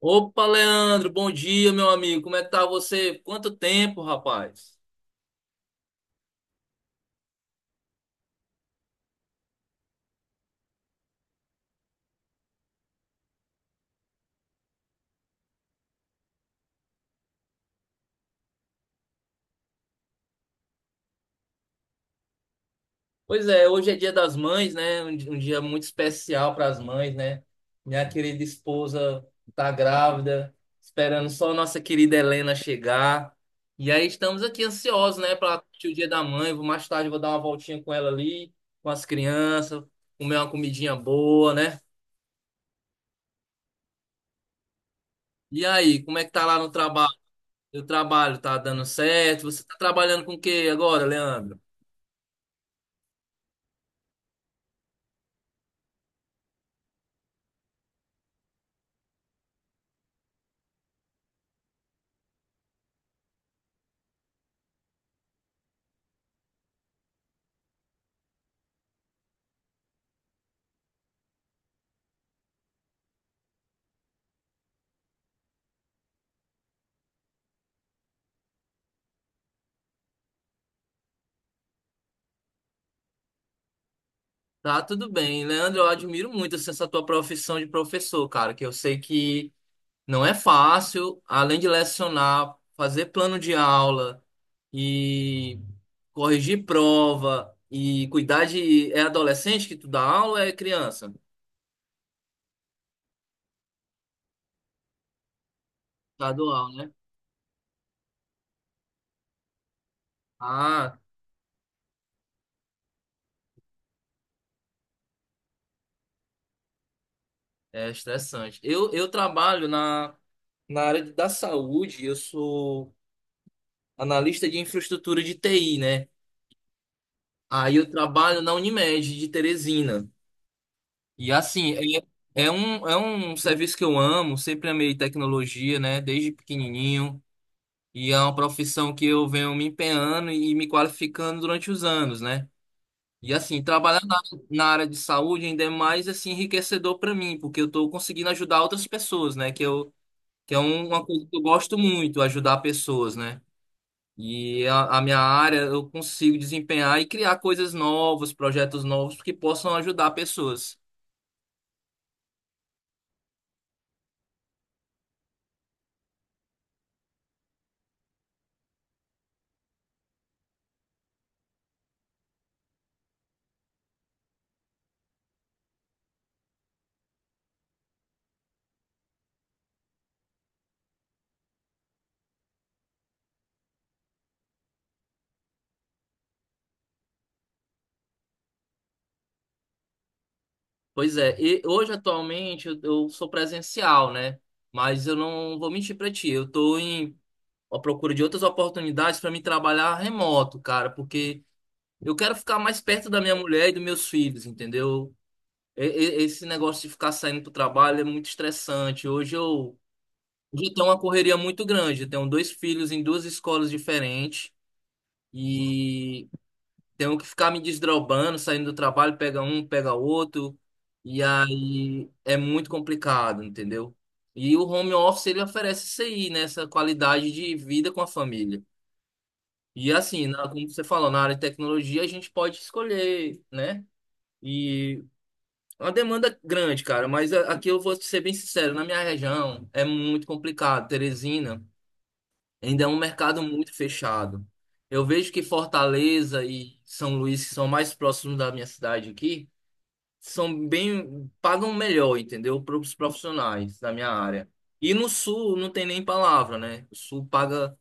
Opa, Leandro, bom dia, meu amigo. Como é que tá você? Quanto tempo, rapaz? Pois é, hoje é Dia das Mães, né? Um dia muito especial para as mães, né? Minha querida esposa tá grávida, esperando só a nossa querida Helena chegar. E aí estamos aqui ansiosos, né, para o Dia da Mãe. Vou mais tarde vou dar uma voltinha com ela ali, com as crianças, comer uma comidinha boa, né? E aí, como é que tá lá no trabalho? O trabalho tá dando certo? Você tá trabalhando com o quê agora, Leandro? Tá tudo bem. Leandro, eu admiro muito, assim, essa tua profissão de professor, cara, que eu sei que não é fácil, além de lecionar, fazer plano de aula e corrigir prova e cuidar de... É adolescente que tu dá aula ou é criança? Estadual, né? Ah, é estressante. Eu trabalho na área da saúde, eu sou analista de infraestrutura de TI, né? Aí eu trabalho na Unimed de Teresina. E assim, é um serviço que eu amo, sempre amei tecnologia, né? Desde pequenininho. E é uma profissão que eu venho me empenhando e me qualificando durante os anos, né? E assim, na área de saúde ainda é mais, assim, enriquecedor para mim, porque eu tô conseguindo ajudar outras pessoas, né? Que é uma coisa que eu gosto muito, ajudar pessoas, né? E a minha área eu consigo desempenhar e criar coisas novas, projetos novos que possam ajudar pessoas. Pois é, e hoje atualmente eu sou presencial, né? Mas eu não vou mentir pra ti, eu tô em à procura de outras oportunidades pra me trabalhar remoto, cara, porque eu quero ficar mais perto da minha mulher e dos meus filhos, entendeu? E- Esse negócio de ficar saindo pro trabalho é muito estressante. Hoje eu tenho uma correria muito grande, eu tenho dois filhos em duas escolas diferentes e tenho que ficar me desdobrando, saindo do trabalho, pega um, pega outro, e aí é muito complicado, entendeu? E o home office ele oferece isso aí, né? Essa qualidade de vida com a família. E assim, como você falou, na área de tecnologia a gente pode escolher, né? E é uma demanda grande, cara, mas aqui eu vou ser bem sincero, na minha região é muito complicado. Teresina. Ainda é um mercado muito fechado. Eu vejo que Fortaleza e São Luís, que são mais próximos da minha cidade aqui, são bem, pagam melhor, entendeu? Para os profissionais da minha área. E no Sul não tem nem palavra, né? O Sul paga.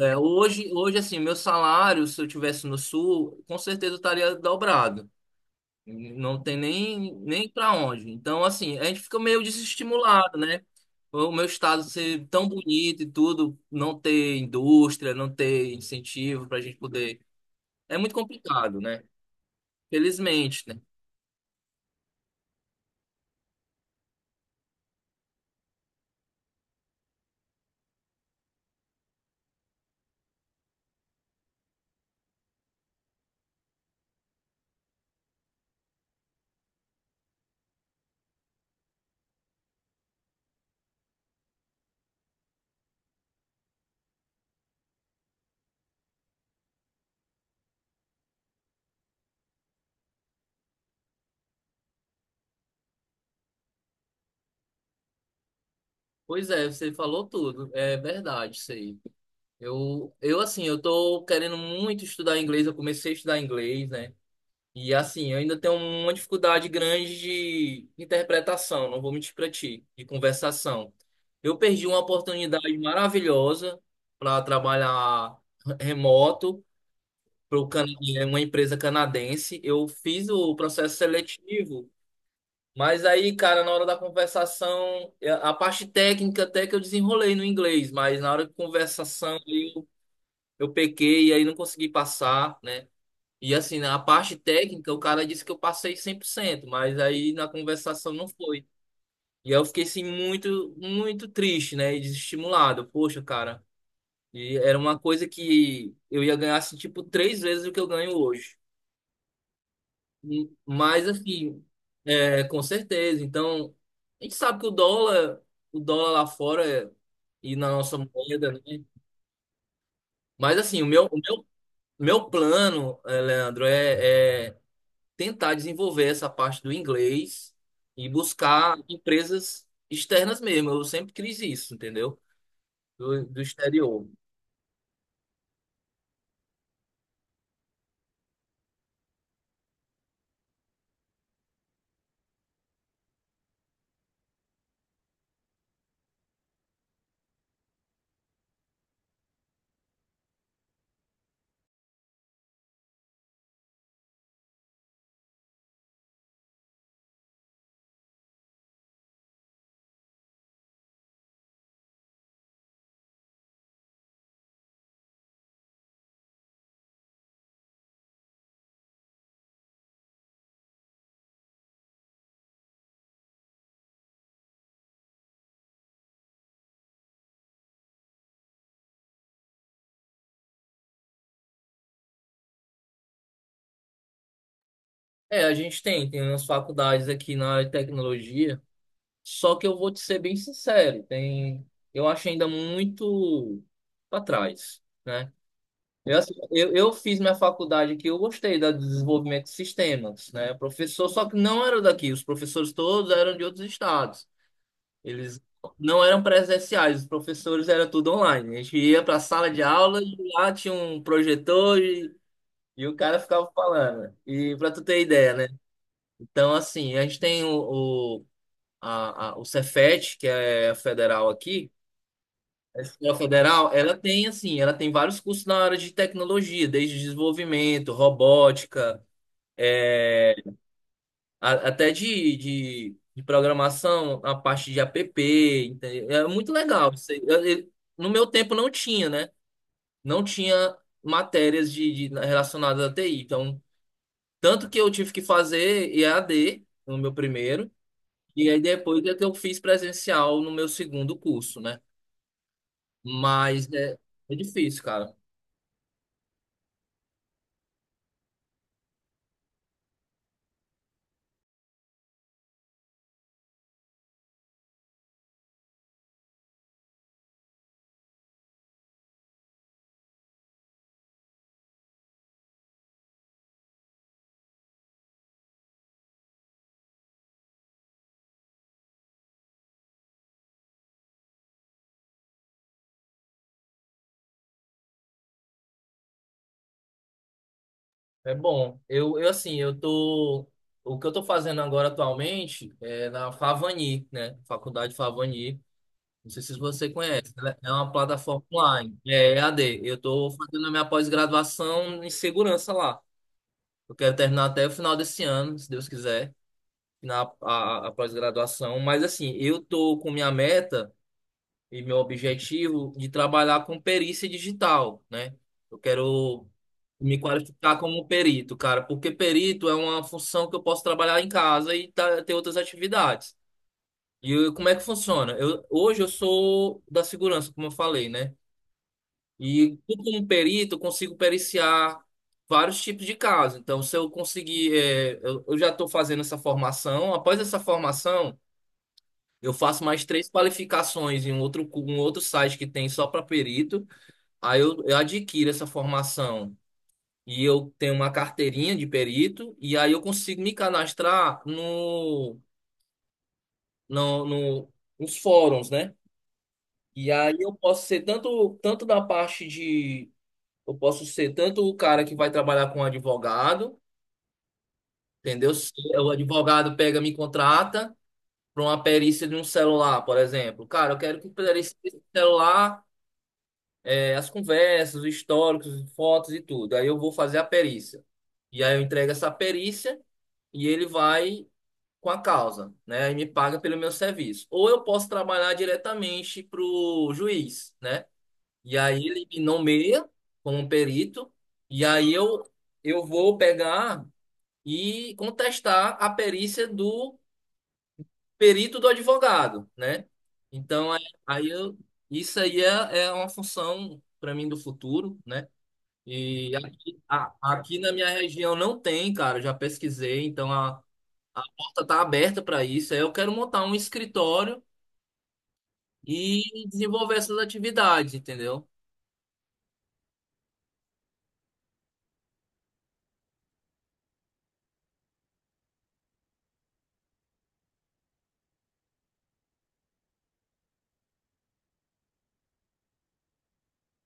É, assim, meu salário, se eu tivesse no Sul, com certeza eu estaria dobrado. Não tem nem para onde. Então, assim, a gente fica meio desestimulado, né? O meu estado ser tão bonito e tudo, não ter indústria, não ter incentivo para a gente poder. É muito complicado, né? Felizmente, né? Pois é, você falou tudo. É verdade isso aí. Eu assim, eu tô querendo muito estudar inglês. Eu comecei a estudar inglês, né? E assim, eu ainda tenho uma dificuldade grande de interpretação, não vou mentir para ti, de conversação. Eu perdi uma oportunidade maravilhosa para trabalhar remoto para uma empresa canadense. Eu fiz o processo seletivo, mas aí, cara, na hora da conversação, a parte técnica até que eu desenrolei no inglês, mas na hora de conversação eu pequei e aí não consegui passar, né? E assim, na parte técnica, o cara disse que eu passei 100%, mas aí na conversação não foi. E aí eu fiquei assim muito, muito triste, né? E desestimulado. Poxa, cara. E era uma coisa que eu ia ganhar assim, tipo 3 vezes o que eu ganho hoje. Mas assim, é, com certeza. Então, a gente sabe que o dólar lá fora e na nossa moeda, né? Mas assim, meu plano, Leandro, é tentar desenvolver essa parte do inglês e buscar empresas externas mesmo. Eu sempre quis isso, entendeu? Do exterior. É, a gente tem, tem umas faculdades aqui na área de tecnologia, só que eu vou te ser bem sincero, tem, eu acho ainda muito para trás, né? Eu, assim, eu fiz minha faculdade aqui, eu gostei da de desenvolvimento de sistemas, né? Professor, só que não era daqui, os professores todos eram de outros estados. Eles não eram presenciais, os professores era tudo online. A gente ia para a sala de aula e lá tinha um projetor e o cara ficava falando. E para tu ter ideia, né? Então, assim, a gente tem o Cefet, que é a federal aqui. A escola federal, ela tem, assim, ela tem vários cursos na área de tecnologia, desde desenvolvimento, robótica, é, até de programação, a parte de app, entendeu? É muito legal isso aí. No meu tempo não tinha, né? Não tinha matérias relacionadas à TI. Então, tanto que eu tive que fazer EAD no meu primeiro, e aí depois é que eu fiz presencial no meu segundo curso, né? Mas é, é difícil, cara. É bom. Eu assim, eu tô. O que eu tô fazendo agora atualmente é na Favani, né? Faculdade Favani. Não sei se você conhece. Ela é uma plataforma online. É EAD. Eu estou fazendo a minha pós-graduação em segurança lá. Eu quero terminar até o final desse ano, se Deus quiser, a pós-graduação. Mas assim, eu estou com minha meta e meu objetivo de trabalhar com perícia digital, né? Eu quero me qualificar como perito, cara, porque perito é uma função que eu posso trabalhar em casa e ter outras atividades. Como é que funciona? Eu, hoje eu sou da segurança, como eu falei, né? E eu, como perito, consigo periciar vários tipos de casos. Então, se eu conseguir, é, eu já estou fazendo essa formação. Após essa formação, eu faço mais três qualificações em um outro site que tem só para perito. Aí eu adquiro essa formação e eu tenho uma carteirinha de perito. E aí eu consigo me cadastrar no, no, no, nos fóruns, né? E aí eu posso ser tanto, tanto da parte. Eu posso ser tanto o cara que vai trabalhar com um advogado, entendeu? Se o advogado pega, me contrata para uma perícia de um celular, por exemplo. Cara, eu quero que perícia desse celular, é, as conversas, os históricos, fotos e tudo. Aí eu vou fazer a perícia. E aí eu entrego essa perícia e ele vai com a causa, né? E me paga pelo meu serviço. Ou eu posso trabalhar diretamente para o juiz, né? E aí ele me nomeia como perito, e aí eu vou pegar e contestar a perícia do perito do advogado, né? Então, aí eu, isso aí é, é uma função para mim do futuro, né? E aqui, aqui na minha região não tem, cara, eu já pesquisei, então a porta está aberta para isso. Aí eu quero montar um escritório e desenvolver essas atividades, entendeu?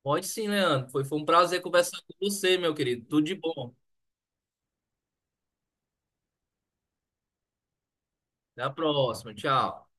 Pode sim, Leandro. Foi um prazer conversar com você, meu querido. Tudo de bom. Até a próxima. Tchau.